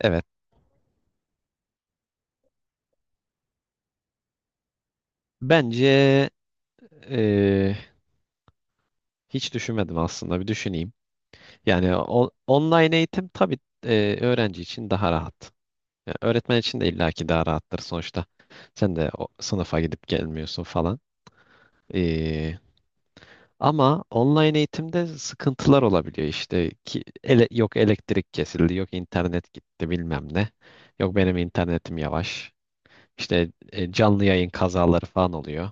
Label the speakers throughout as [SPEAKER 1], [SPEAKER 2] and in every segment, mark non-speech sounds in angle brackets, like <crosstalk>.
[SPEAKER 1] Evet. Bence eee, hiç düşünmedim aslında. Bir düşüneyim. Yani online eğitim tabii öğrenci için daha rahat. Yani öğretmen için de illaki daha rahattır sonuçta. Sen de o sınıfa gidip gelmiyorsun falan. Ama online eğitimde sıkıntılar olabiliyor işte ki yok elektrik kesildi, yok internet gitti bilmem ne. Yok benim internetim yavaş. İşte canlı yayın kazaları falan oluyor.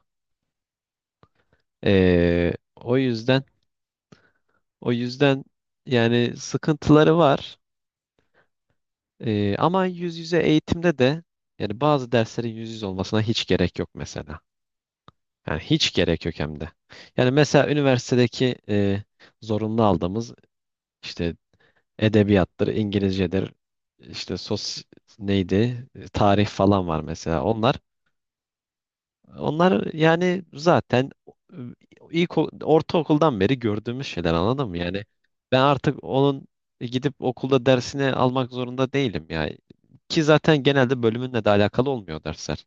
[SPEAKER 1] O yüzden o yüzden yani sıkıntıları var. Ama yüz yüze eğitimde de yani bazı derslerin yüz yüze olmasına hiç gerek yok mesela. Yani hiç gerek yok hem de. Yani mesela üniversitedeki zorunlu aldığımız işte Edebiyattır, İngilizcedir, işte neydi, tarih falan var mesela. Onlar onlar yani zaten ilk ortaokuldan beri gördüğümüz şeyler anladın mı? Yani ben artık onun gidip okulda dersini almak zorunda değilim ya. Ki zaten genelde bölümünle de alakalı olmuyor dersler.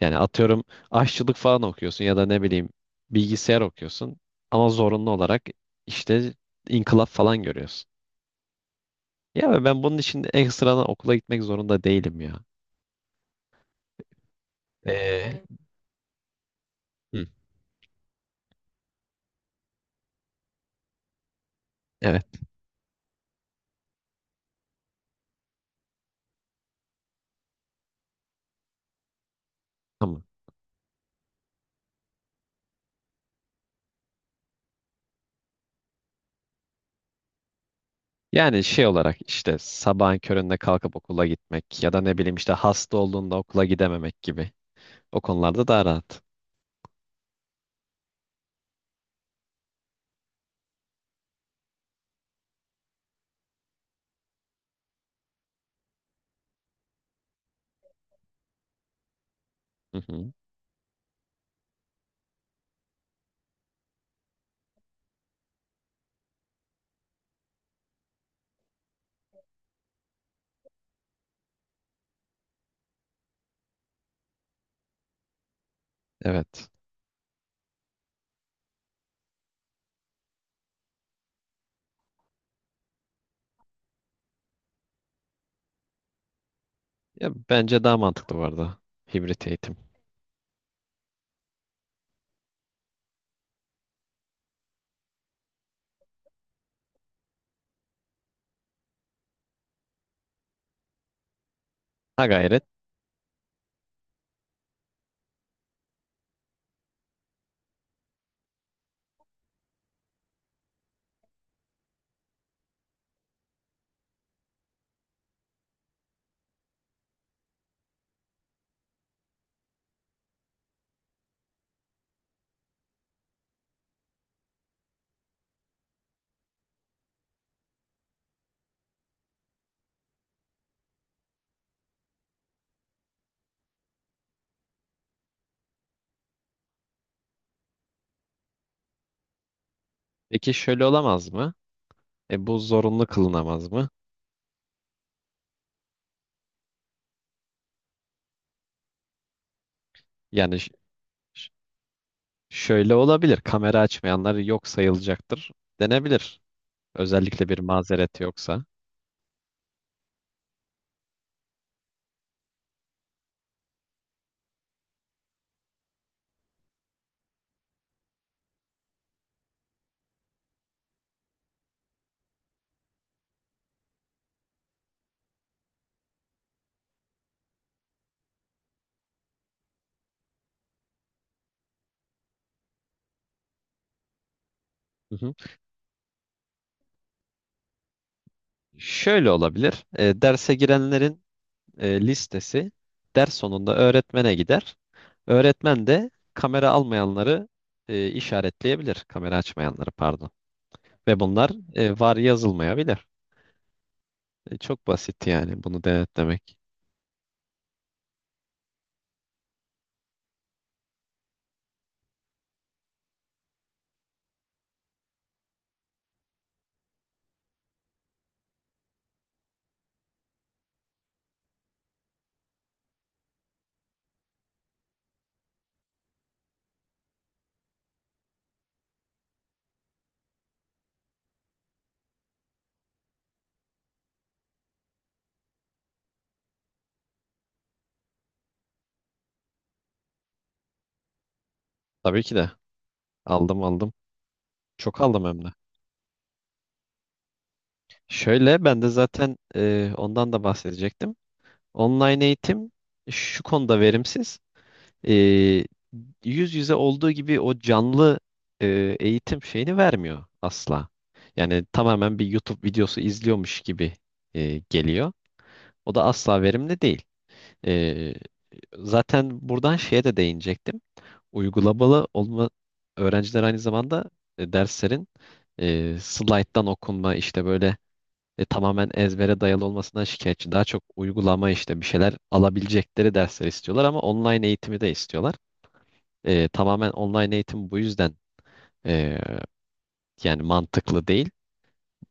[SPEAKER 1] Yani atıyorum aşçılık falan okuyorsun ya da ne bileyim bilgisayar okuyorsun ama zorunlu olarak işte inkılap falan görüyorsun. Ya ve ben bunun için ekstradan okula gitmek zorunda değilim ya. Ee, Hı, evet, tamam. Yani şey olarak işte sabahın köründe kalkıp okula gitmek ya da ne bileyim işte hasta olduğunda okula gidememek gibi. O konularda daha rahat. Hı hı, evet. Ya bence daha mantıklı bu arada. Hibrit eğitim. Ha gayret. Peki şöyle olamaz mı? E bu zorunlu kılınamaz mı? Yani ş- şöyle olabilir. Kamera açmayanlar yok sayılacaktır denebilir. Özellikle bir mazeret yoksa. Hı hı. Şöyle olabilir. E, derse girenlerin listesi ders sonunda öğretmene gider. Öğretmen de kamera almayanları işaretleyebilir. Kamera açmayanları pardon. Ve bunlar var yazılmayabilir. E, çok basit yani bunu denetlemek. Tabii ki de. Aldım, aldım. Çok aldım hem de. Şöyle ben de zaten ondan da bahsedecektim. Online eğitim şu konuda verimsiz. E, yüz yüze olduğu gibi o canlı eğitim şeyini vermiyor asla. Yani tamamen bir YouTube videosu izliyormuş gibi geliyor. O da asla verimli değil. E, zaten buradan şeye de değinecektim. Uygulamalı olma öğrenciler aynı zamanda derslerin slayttan okunma işte böyle, tamamen ezbere dayalı olmasından şikayetçi. Daha çok uygulama işte bir şeyler alabilecekleri dersler istiyorlar ama online eğitimi de istiyorlar. E, tamamen online eğitim bu yüzden e, yani mantıklı değil.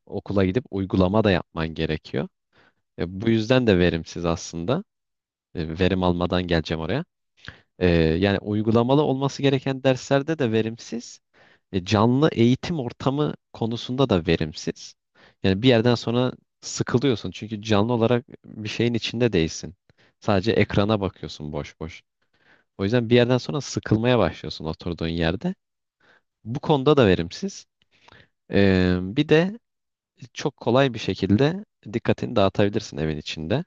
[SPEAKER 1] Okula gidip uygulama da yapman gerekiyor. E, bu yüzden de verimsiz aslında. E, verim almadan geleceğim oraya. E, yani uygulamalı olması gereken derslerde de verimsiz. E, canlı eğitim ortamı konusunda da verimsiz. Yani bir yerden sonra sıkılıyorsun çünkü canlı olarak bir şeyin içinde değilsin. Sadece ekrana bakıyorsun boş boş. O yüzden bir yerden sonra sıkılmaya başlıyorsun oturduğun yerde. Bu konuda da verimsiz. E, bir de çok kolay bir şekilde dikkatini dağıtabilirsin evin içinde.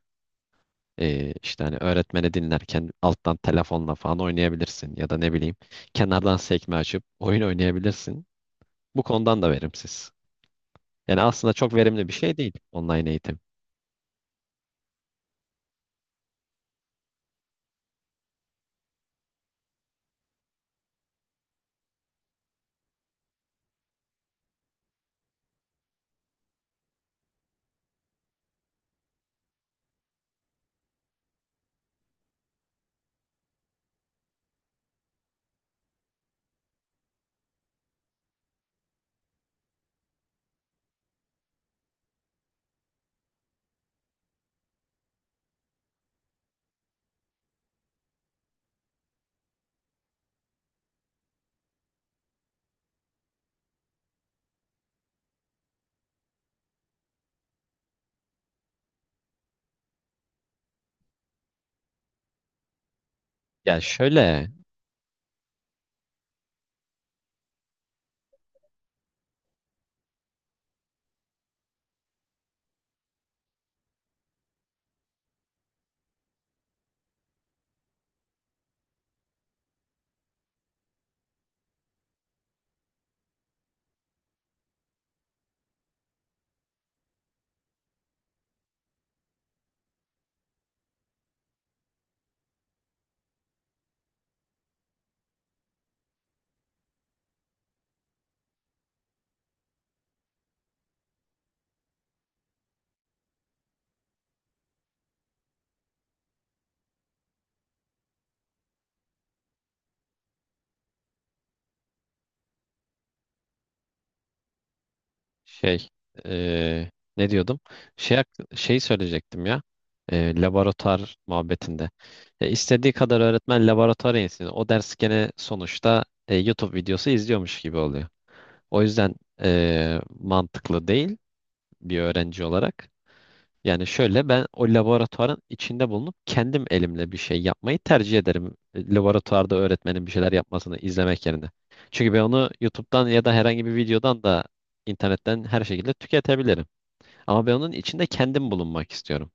[SPEAKER 1] E, işte hani öğretmeni dinlerken alttan telefonla falan oynayabilirsin ya da ne bileyim kenardan sekme açıp oyun oynayabilirsin. Bu konudan da verimsiz. Yani aslında çok verimli bir şey değil online eğitim. Ya şöyle, şey eee, ne diyordum? Şey söyleyecektim ya. Laboratuvar muhabbetinde. E, istediği kadar öğretmen laboratuvara insin. O ders gene sonuçta YouTube videosu izliyormuş gibi oluyor. O yüzden mantıklı değil bir öğrenci olarak. Yani şöyle, ben o laboratuvarın içinde bulunup kendim elimle bir şey yapmayı tercih ederim. E, laboratuvarda öğretmenin bir şeyler yapmasını izlemek yerine. Çünkü ben onu YouTube'dan ya da herhangi bir videodan da internetten her şekilde tüketebilirim. Ama ben onun içinde kendim bulunmak istiyorum.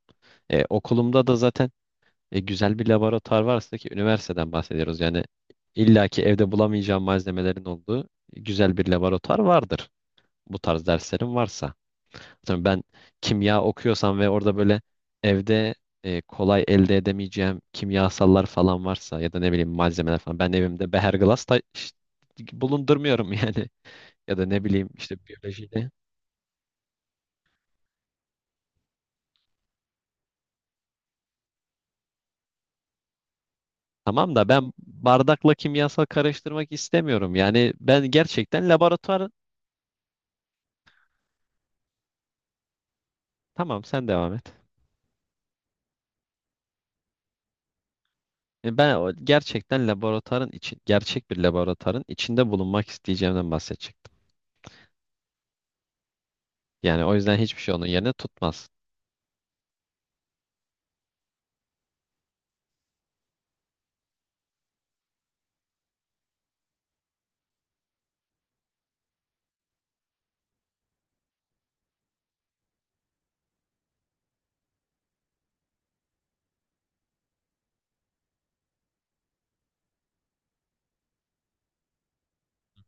[SPEAKER 1] E, okulumda da zaten güzel bir laboratuvar varsa ki üniversiteden bahsediyoruz. Yani illaki evde bulamayacağım malzemelerin olduğu güzel bir laboratuvar vardır. Bu tarz derslerim varsa. Tabii ben kimya okuyorsam ve orada böyle evde kolay elde edemeyeceğim kimyasallar falan varsa ya da ne bileyim malzemeler falan, ben evimde beherglas bulundurmuyorum yani <laughs> ya da ne bileyim işte biyolojide. Tamam da ben bardakla kimyasal karıştırmak istemiyorum. Yani ben gerçekten laboratuvar, tamam sen devam et. E, ben gerçekten laboratuvarın için gerçek bir laboratuvarın içinde bulunmak isteyeceğimden bahsedecektim. Yani o yüzden hiçbir şey onun yerine tutmaz.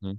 [SPEAKER 1] Hı.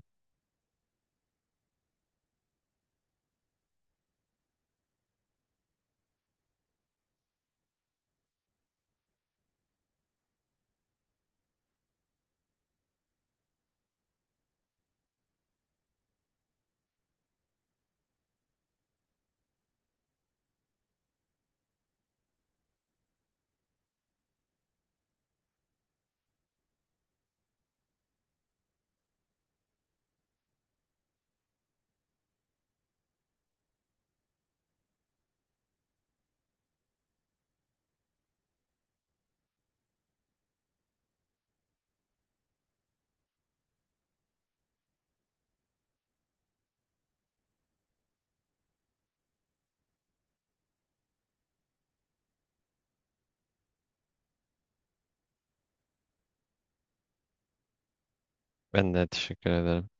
[SPEAKER 1] Ben de teşekkür ederim.